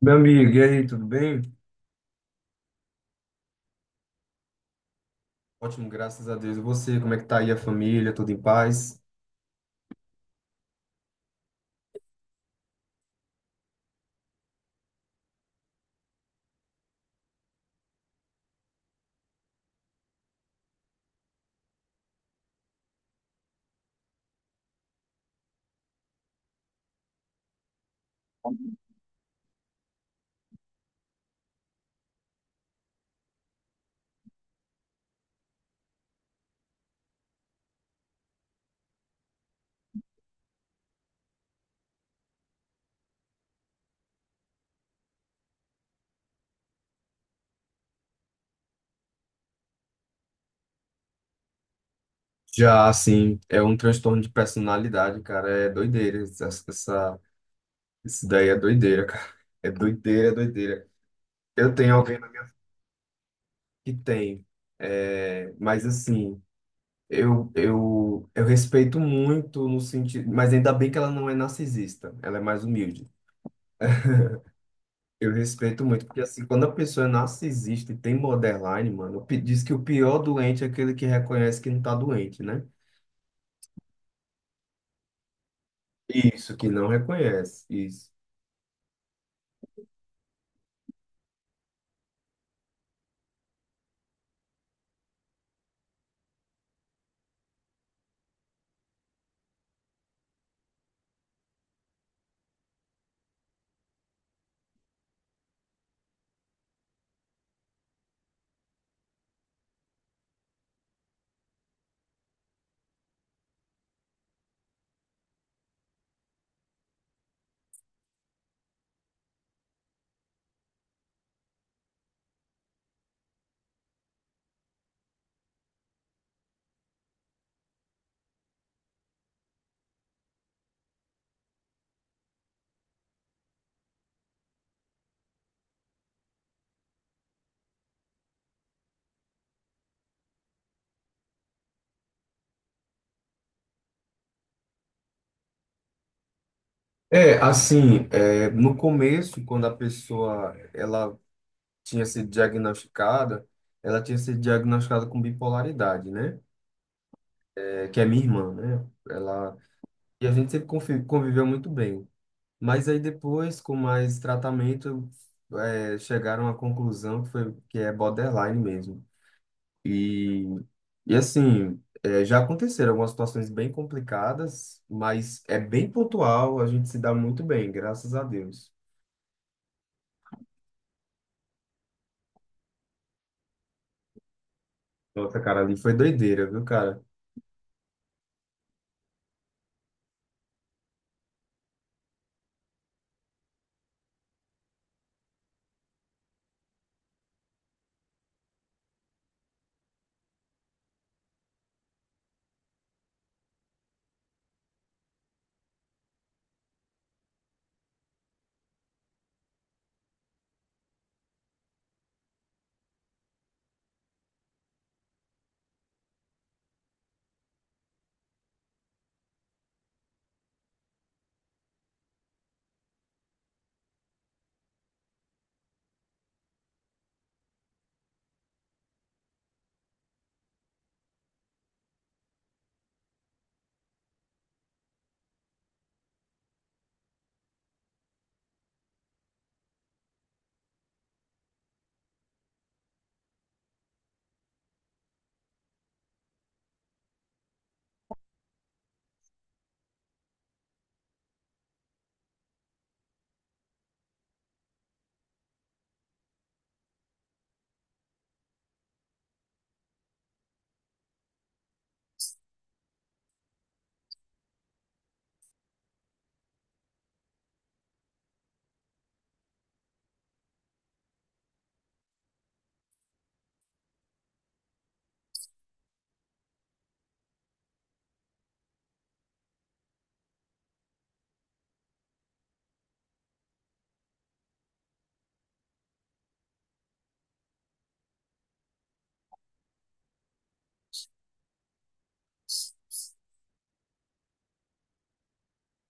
Meu amigo, e aí, tudo bem? Ótimo, graças a Deus. E você, como é que tá aí a família? Tudo em paz? Já, assim, é um transtorno de personalidade, cara. É doideira. Isso daí é doideira, cara. É doideira, é doideira. Eu tenho alguém que tem, é, mas assim, eu respeito muito no sentido. Mas ainda bem que ela não é narcisista, ela é mais humilde. Eu respeito muito, porque assim, quando a pessoa é narcisista e tem borderline, mano, diz que o pior doente é aquele que reconhece que não tá doente, né? Isso, que não reconhece, isso. É, assim, é, no começo, quando a pessoa, ela tinha sido diagnosticada, ela tinha sido diagnosticada com bipolaridade, né? É, que é minha irmã, né? Ela, e a gente sempre conviveu muito bem. Mas aí depois, com mais tratamento, é, chegaram à conclusão que foi, que é borderline mesmo. E, e assim, é, já aconteceram algumas situações bem complicadas, mas é bem pontual, a gente se dá muito bem, graças a Deus. Nossa, cara, ali foi doideira, viu, cara?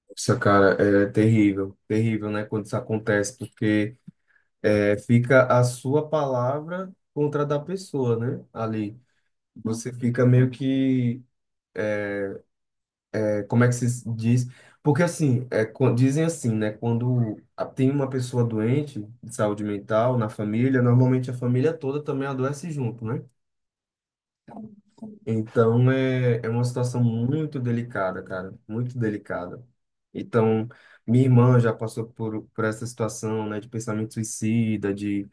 Nossa, cara, é terrível, terrível, né, quando isso acontece, porque é, fica a sua palavra contra a da pessoa, né, ali. Você fica meio que, como é que se diz? Porque assim, é, dizem assim, né? Quando tem uma pessoa doente de saúde mental na família, normalmente a família toda também adoece junto, né? Então é, é uma situação muito delicada, cara, muito delicada. Então, minha irmã já passou por essa situação, né, de pensamento suicida, de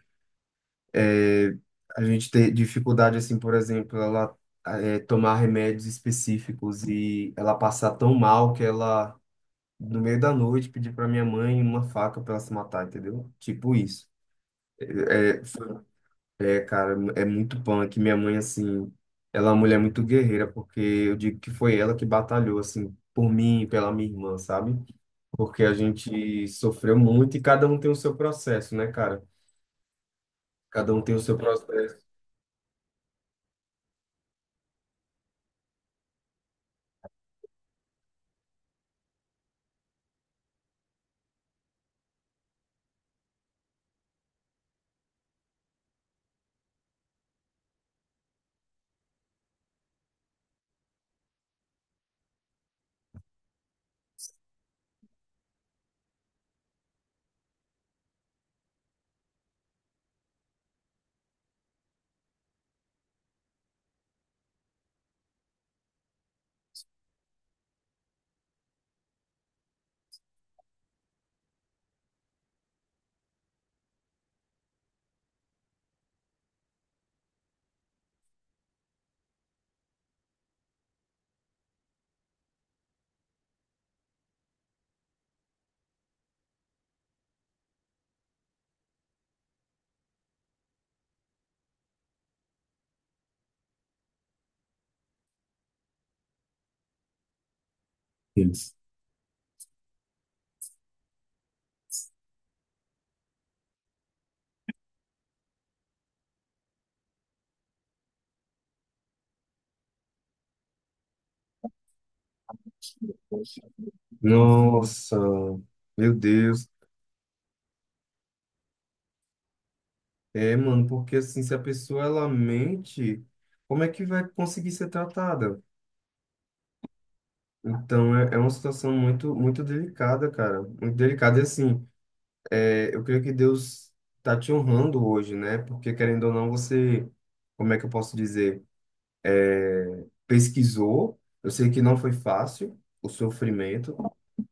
é, a gente ter dificuldade, assim, por exemplo, ela eh, tomar remédios específicos e ela passar tão mal que ela, no meio da noite, pedir pra minha mãe uma faca pra ela se matar, entendeu? Tipo isso. É, é, é, cara, é muito punk. Minha mãe, assim, ela é uma mulher muito guerreira, porque eu digo que foi ela que batalhou, assim, por mim e pela minha irmã, sabe? Porque a gente sofreu muito e cada um tem o seu processo, né, cara? Cada um tem o seu processo. Isso. Nossa, meu Deus. É, mano, porque assim, se a pessoa ela mente, como é que vai conseguir ser tratada? Então é, é uma situação muito muito delicada, cara, muito delicada. E assim, é, eu creio que Deus tá te honrando hoje, né? Porque querendo ou não, você, como é que eu posso dizer, pesquisou. Eu sei que não foi fácil o sofrimento.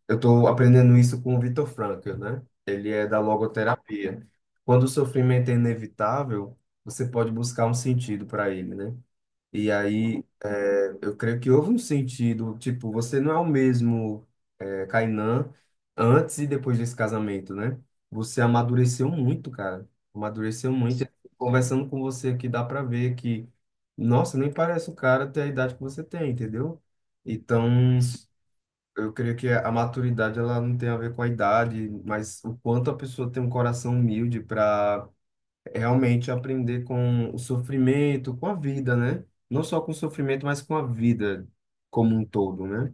Eu tô aprendendo isso com o Vitor Frankl, né? Ele é da logoterapia. Quando o sofrimento é inevitável, você pode buscar um sentido para ele, né? E aí, é, eu creio que houve um sentido, tipo, você não é o mesmo é, Kainan, antes e depois desse casamento, né? Você amadureceu muito, cara. Amadureceu muito. Conversando com você aqui, dá pra ver que, nossa, nem parece o cara ter a idade que você tem, entendeu? Então, eu creio que a maturidade, ela não tem a ver com a idade, mas o quanto a pessoa tem um coração humilde para realmente aprender com o sofrimento, com a vida, né? Não só com o sofrimento, mas com a vida como um todo, né?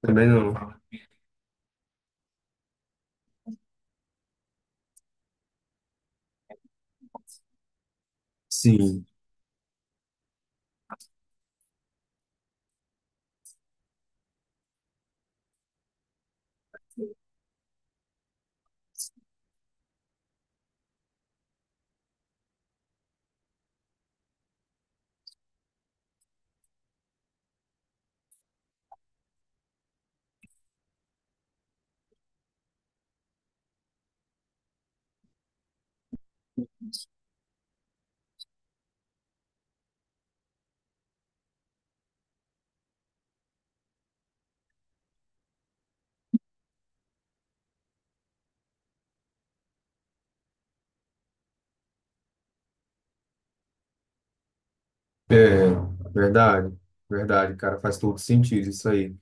Também não. Sim, verdade, verdade, cara, faz todo sentido isso aí,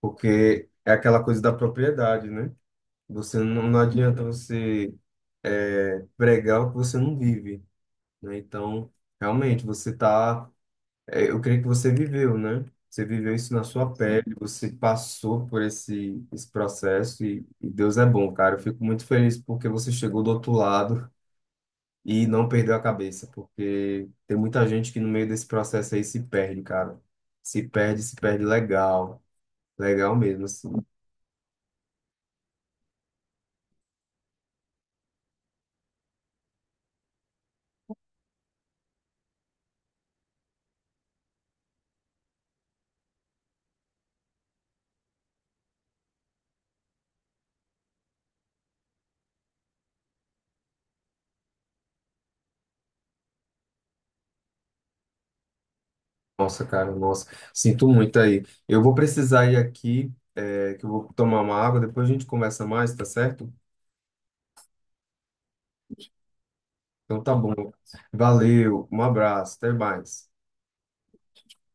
porque é aquela coisa da propriedade, né? Você não, adianta você é, pregar o que você não vive, né? Então, realmente, você tá, é, eu creio que você viveu, né? Você viveu isso na sua, sim, pele, você passou por esse, esse processo e Deus é bom, cara. Eu fico muito feliz porque você chegou do outro lado e não perdeu a cabeça, porque tem muita gente que no meio desse processo aí se perde, cara. Se perde, se perde legal. Legal mesmo, assim. Nossa, cara, nossa. Sinto muito aí. Eu vou precisar ir aqui, é, que eu vou tomar uma água, depois a gente conversa mais, tá certo? Então tá bom. Valeu, um abraço, até mais.